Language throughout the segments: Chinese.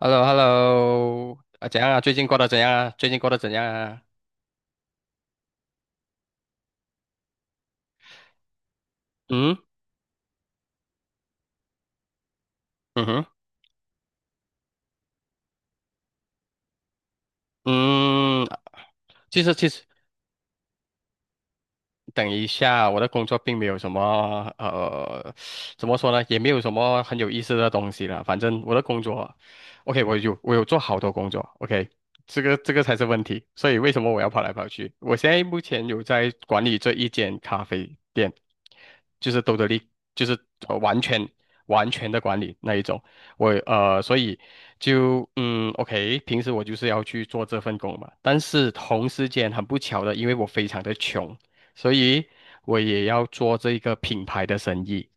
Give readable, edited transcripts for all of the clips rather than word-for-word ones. h e l l o h e l l o 啊，怎样啊？最近过得怎样啊？最近过得怎样啊？嗯。嗯哼。嗯。其实等一下，我的工作并没有什么怎么说呢，也没有什么很有意思的东西了。反正我的工作，OK，我有做好多工作，OK，这个才是问题。所以为什么我要跑来跑去？我现在目前有在管理这一间咖啡店，就是兜得力，就是完全的管理那一种。所以就OK，平时我就是要去做这份工嘛。但是同时间很不巧的，因为我非常的穷。所以我也要做这个品牌的生意。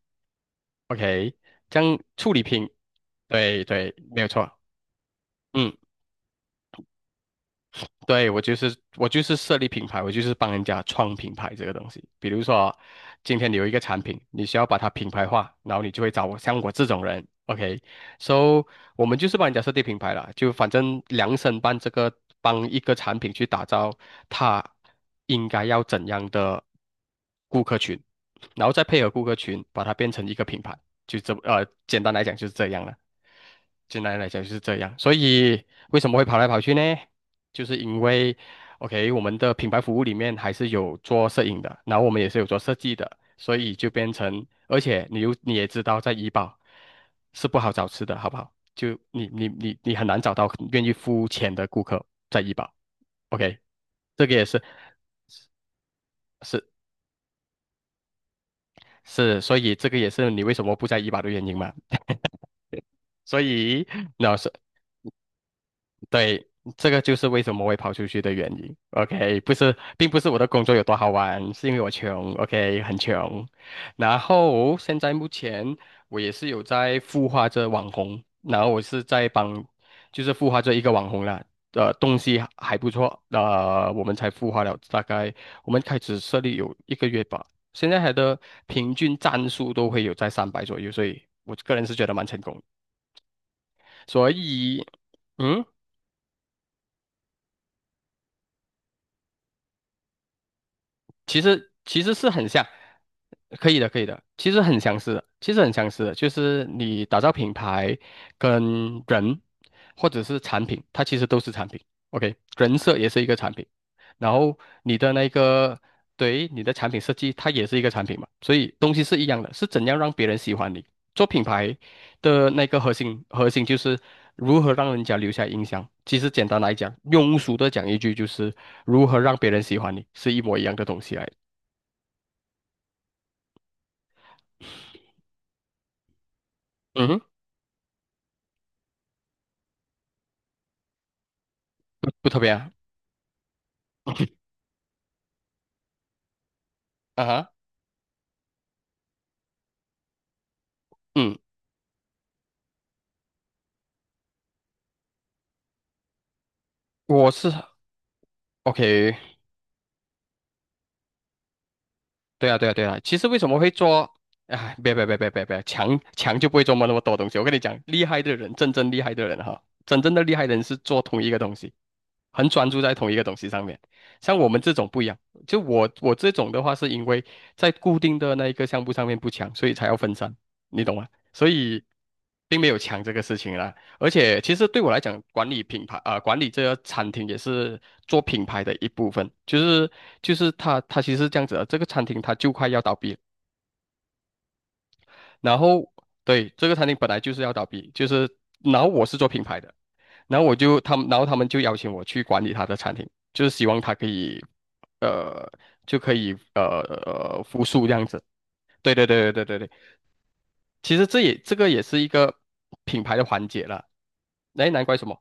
OK，这样处理品，对对，没有错。嗯。对，我就是设立品牌，我就是帮人家创品牌这个东西。比如说，今天你有一个产品，你需要把它品牌化，然后你就会找我像我这种人，OK？So 我们就是帮人家设计品牌了，就反正量身办这个，帮一个产品去打造它应该要怎样的顾客群，然后再配合顾客群，把它变成一个品牌，就简单来讲就是这样了。简单来讲就是这样，所以为什么会跑来跑去呢？就是因为，OK，我们的品牌服务里面还是有做摄影的，然后我们也是有做设计的，所以就变成，而且你也知道，在怡保是不好找吃的，好不好？就你很难找到愿意付钱的顾客在怡保，OK，这个也是是是，所以这个也是你为什么不在怡保的原因嘛。所以，那是对，这个就是为什么会跑出去的原因。OK，不是，并不是我的工作有多好玩，是因为我穷。OK，很穷。然后现在目前我也是有在孵化着网红，然后我是在帮，就是孵化这一个网红啦。东西还不错，我们才孵化了大概，我们开始设立有一个月吧，现在还的平均赞数都会有在300左右，所以我个人是觉得蛮成功的所以，嗯。其实是很像，可以的，可以的，其实很相似的，其实很相似的，就是你打造品牌跟人或者是产品，它其实都是产品。OK，人设也是一个产品，然后你的那个对你的产品设计，它也是一个产品嘛，所以东西是一样的，是怎样让别人喜欢你。做品牌的那个核心就是如何让人家留下印象。其实简单来讲，庸俗的讲一句就是如何让别人喜欢你，是一模一样的东西来的。嗯哼，不不特别啊，啊哈，嗯，我是 OK，对啊，对啊，对啊。其实为什么会做？哎，别别别别别别，强就不会琢磨那么多东西。我跟你讲，厉害的人，真正厉害的人哈，真正的厉害的人是做同一个东西。很专注在同一个东西上面。像我们这种不一样，就我这种的话，是因为在固定的那一个项目上面不强，所以才要分散，你懂吗？所以并没有强这个事情啦。而且其实对我来讲，管理品牌啊、管理这个餐厅也是做品牌的一部分，就是就是它其实是这样子的，这个餐厅它就快要倒闭了。然后对这个餐厅本来就是要倒闭，就是然后我是做品牌的，然后我就他们，然后他们就邀请我去管理他的餐厅，就是希望他可以，呃，就可以复苏这样子。对对对对对对对，其实这个也是一个品牌的环节了。哎，难怪什么？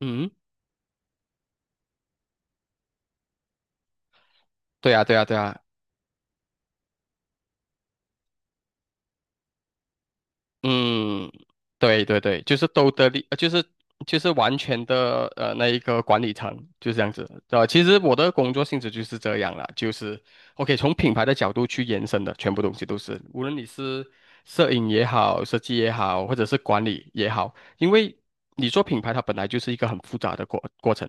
嗯，对啊对啊对啊，嗯，对对对，就是都得利，就是就是完全的那一个管理层就是这样子。其实我的工作性质就是这样啦，就是 OK 从品牌的角度去延伸的，全部东西都是，无论你是摄影也好，设计也好，或者是管理也好，因为你做品牌它本来就是一个很复杂的过程。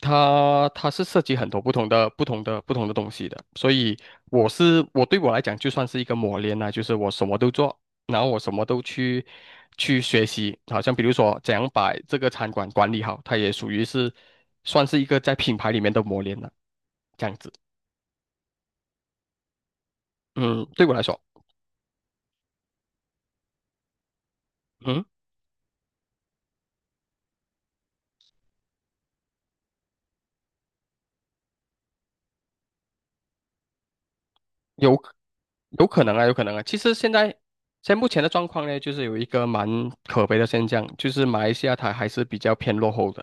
它是涉及很多不同的东西的，所以我来讲就算是一个磨练啦，就是我什么都做，然后我什么都去学习，好像比如说怎样把这个餐馆管理好，它也属于是算是一个在品牌里面的磨练了，这样子。嗯，对我来说，嗯。有可有可能啊，有可能啊。其实现在目前的状况呢，就是有一个蛮可悲的现象，就是马来西亚它还是比较偏落后的。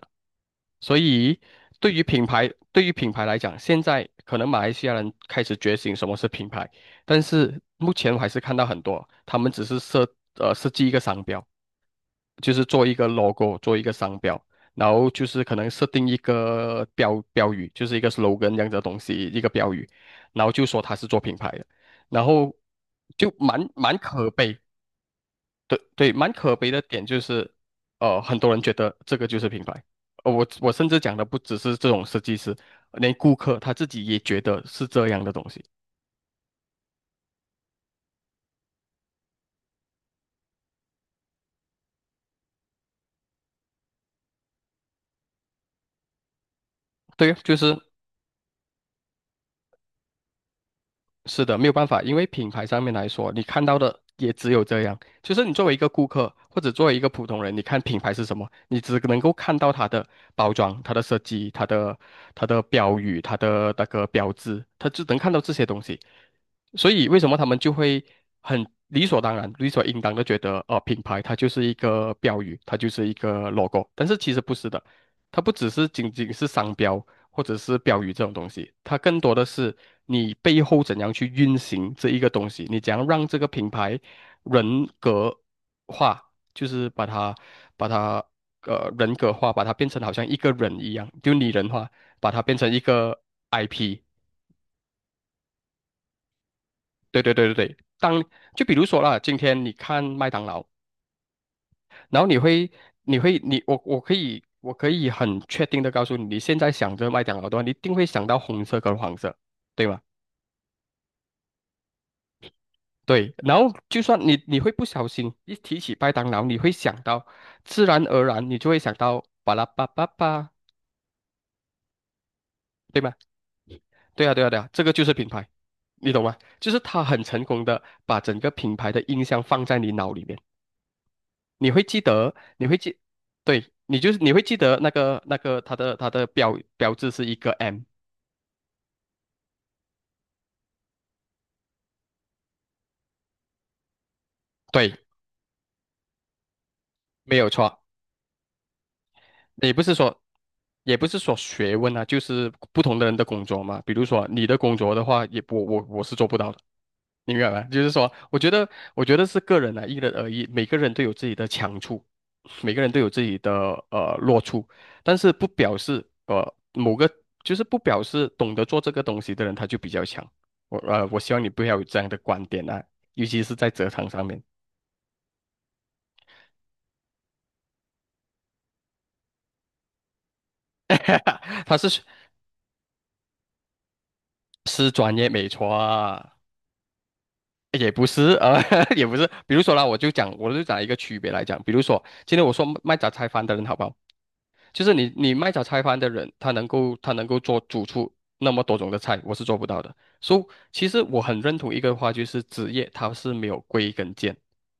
所以对于品牌，对于品牌来讲，现在可能马来西亚人开始觉醒什么是品牌，但是目前我还是看到很多，他们只是设计一个商标，就是做一个 logo，做一个商标，然后就是可能设定一个标语，就是一个 slogan 这样子的东西，一个标语，然后就说他是做品牌的，然后就蛮可悲，对对，蛮可悲的点就是，很多人觉得这个就是品牌，我甚至讲的不只是这种设计师，连顾客他自己也觉得是这样的东西，对，就是。是的，没有办法，因为品牌上面来说，你看到的也只有这样。就是你作为一个顾客，或者作为一个普通人，你看品牌是什么，你只能够看到它的包装、它的设计、它的标语、它的那个标志，它只能看到这些东西。所以为什么他们就会很理所当然、理所应当的觉得，品牌它就是一个标语，它就是一个 logo，但是其实不是的，它不只是仅仅是商标或者是标语这种东西，它更多的是你背后怎样去运行这一个东西，你怎样让这个品牌人格化，就是把它人格化，把它变成好像一个人一样，就拟人化，把它变成一个 IP。对对对对对，当就比如说啦，今天你看麦当劳，然后你会你会你我我可以我可以很确定的告诉你，你现在想着麦当劳的话，你一定会想到红色跟黄色，对吗？对，然后就算你会不小心一提起麦当劳，你会想到，自然而然你就会想到巴拉巴巴巴，对吗？对啊对啊对啊，这个就是品牌，你懂吗？就是他很成功的把整个品牌的印象放在你脑里面。你会记得，你会记，对，你就是你会记得那个它的标志是一个 M，对，没有错。也不是说，也不是说学问啊，就是不同的人的工作嘛。比如说你的工作的话，也我是做不到的。你明白吗？就是说，我觉得，我觉得是个人啊，因人而异，每个人都有自己的强处，每个人都有自己的弱处，但是不表示呃某个就是不表示懂得做这个东西的人他就比较强。我希望你不要有这样的观点啊，尤其是在职场上面，他是是专业没错啊。也不是啊，也不是。比如说啦，我就讲一个区别来讲。比如说，今天我说卖杂菜饭的人好不好？就是你卖炒菜饭的人，他能够做煮出那么多种的菜，我是做不到的。所以其实我很认同一个话，就是职业它是没有归跟键，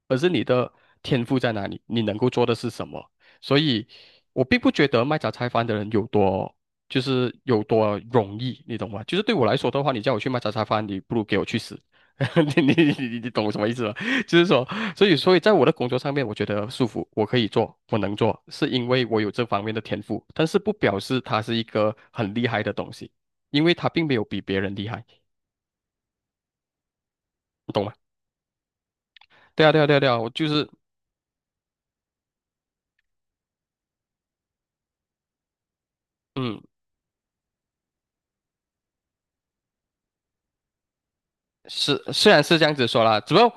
而是你的天赋在哪里，你能够做的是什么。所以我并不觉得卖炒菜饭的人有多。就是有多容易，你懂吗？就是对我来说的话，你叫我去卖茶饭，你不如给我去死。你懂我什么意思吗？就是说，所以，所以在我的工作上面，我觉得舒服，我可以做，我能做，是因为我有这方面的天赋，但是不表示它是一个很厉害的东西，因为它并没有比别人厉害，你懂吗？对啊，对啊，对啊，对啊，我就是，嗯，是虽然是这样子说啦，只不过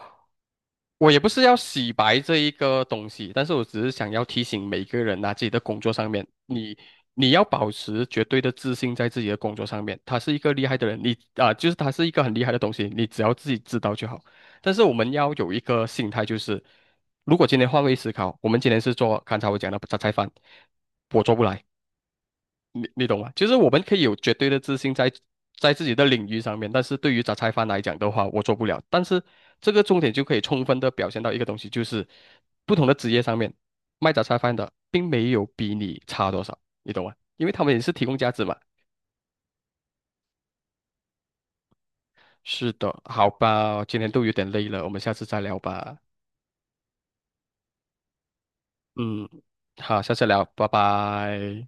我也不是要洗白这一个东西，但是我只是想要提醒每个人呐、自己的工作上面，你要保持绝对的自信在自己的工作上面。他是一个厉害的人，你啊、就是他是一个很厉害的东西，你只要自己知道就好。但是我们要有一个心态，就是如果今天换位思考，我们今天是做刚才我讲的榨菜饭，我做不来。你懂吗？就是我们可以有绝对的自信在自己的领域上面，但是对于杂菜饭来讲的话，我做不了。但是这个重点就可以充分的表现到一个东西，就是不同的职业上面卖杂菜饭的并没有比你差多少，你懂吗？因为他们也是提供价值嘛。是的，好吧，今天都有点累了，我们下次再聊吧。嗯，好，下次聊，拜拜。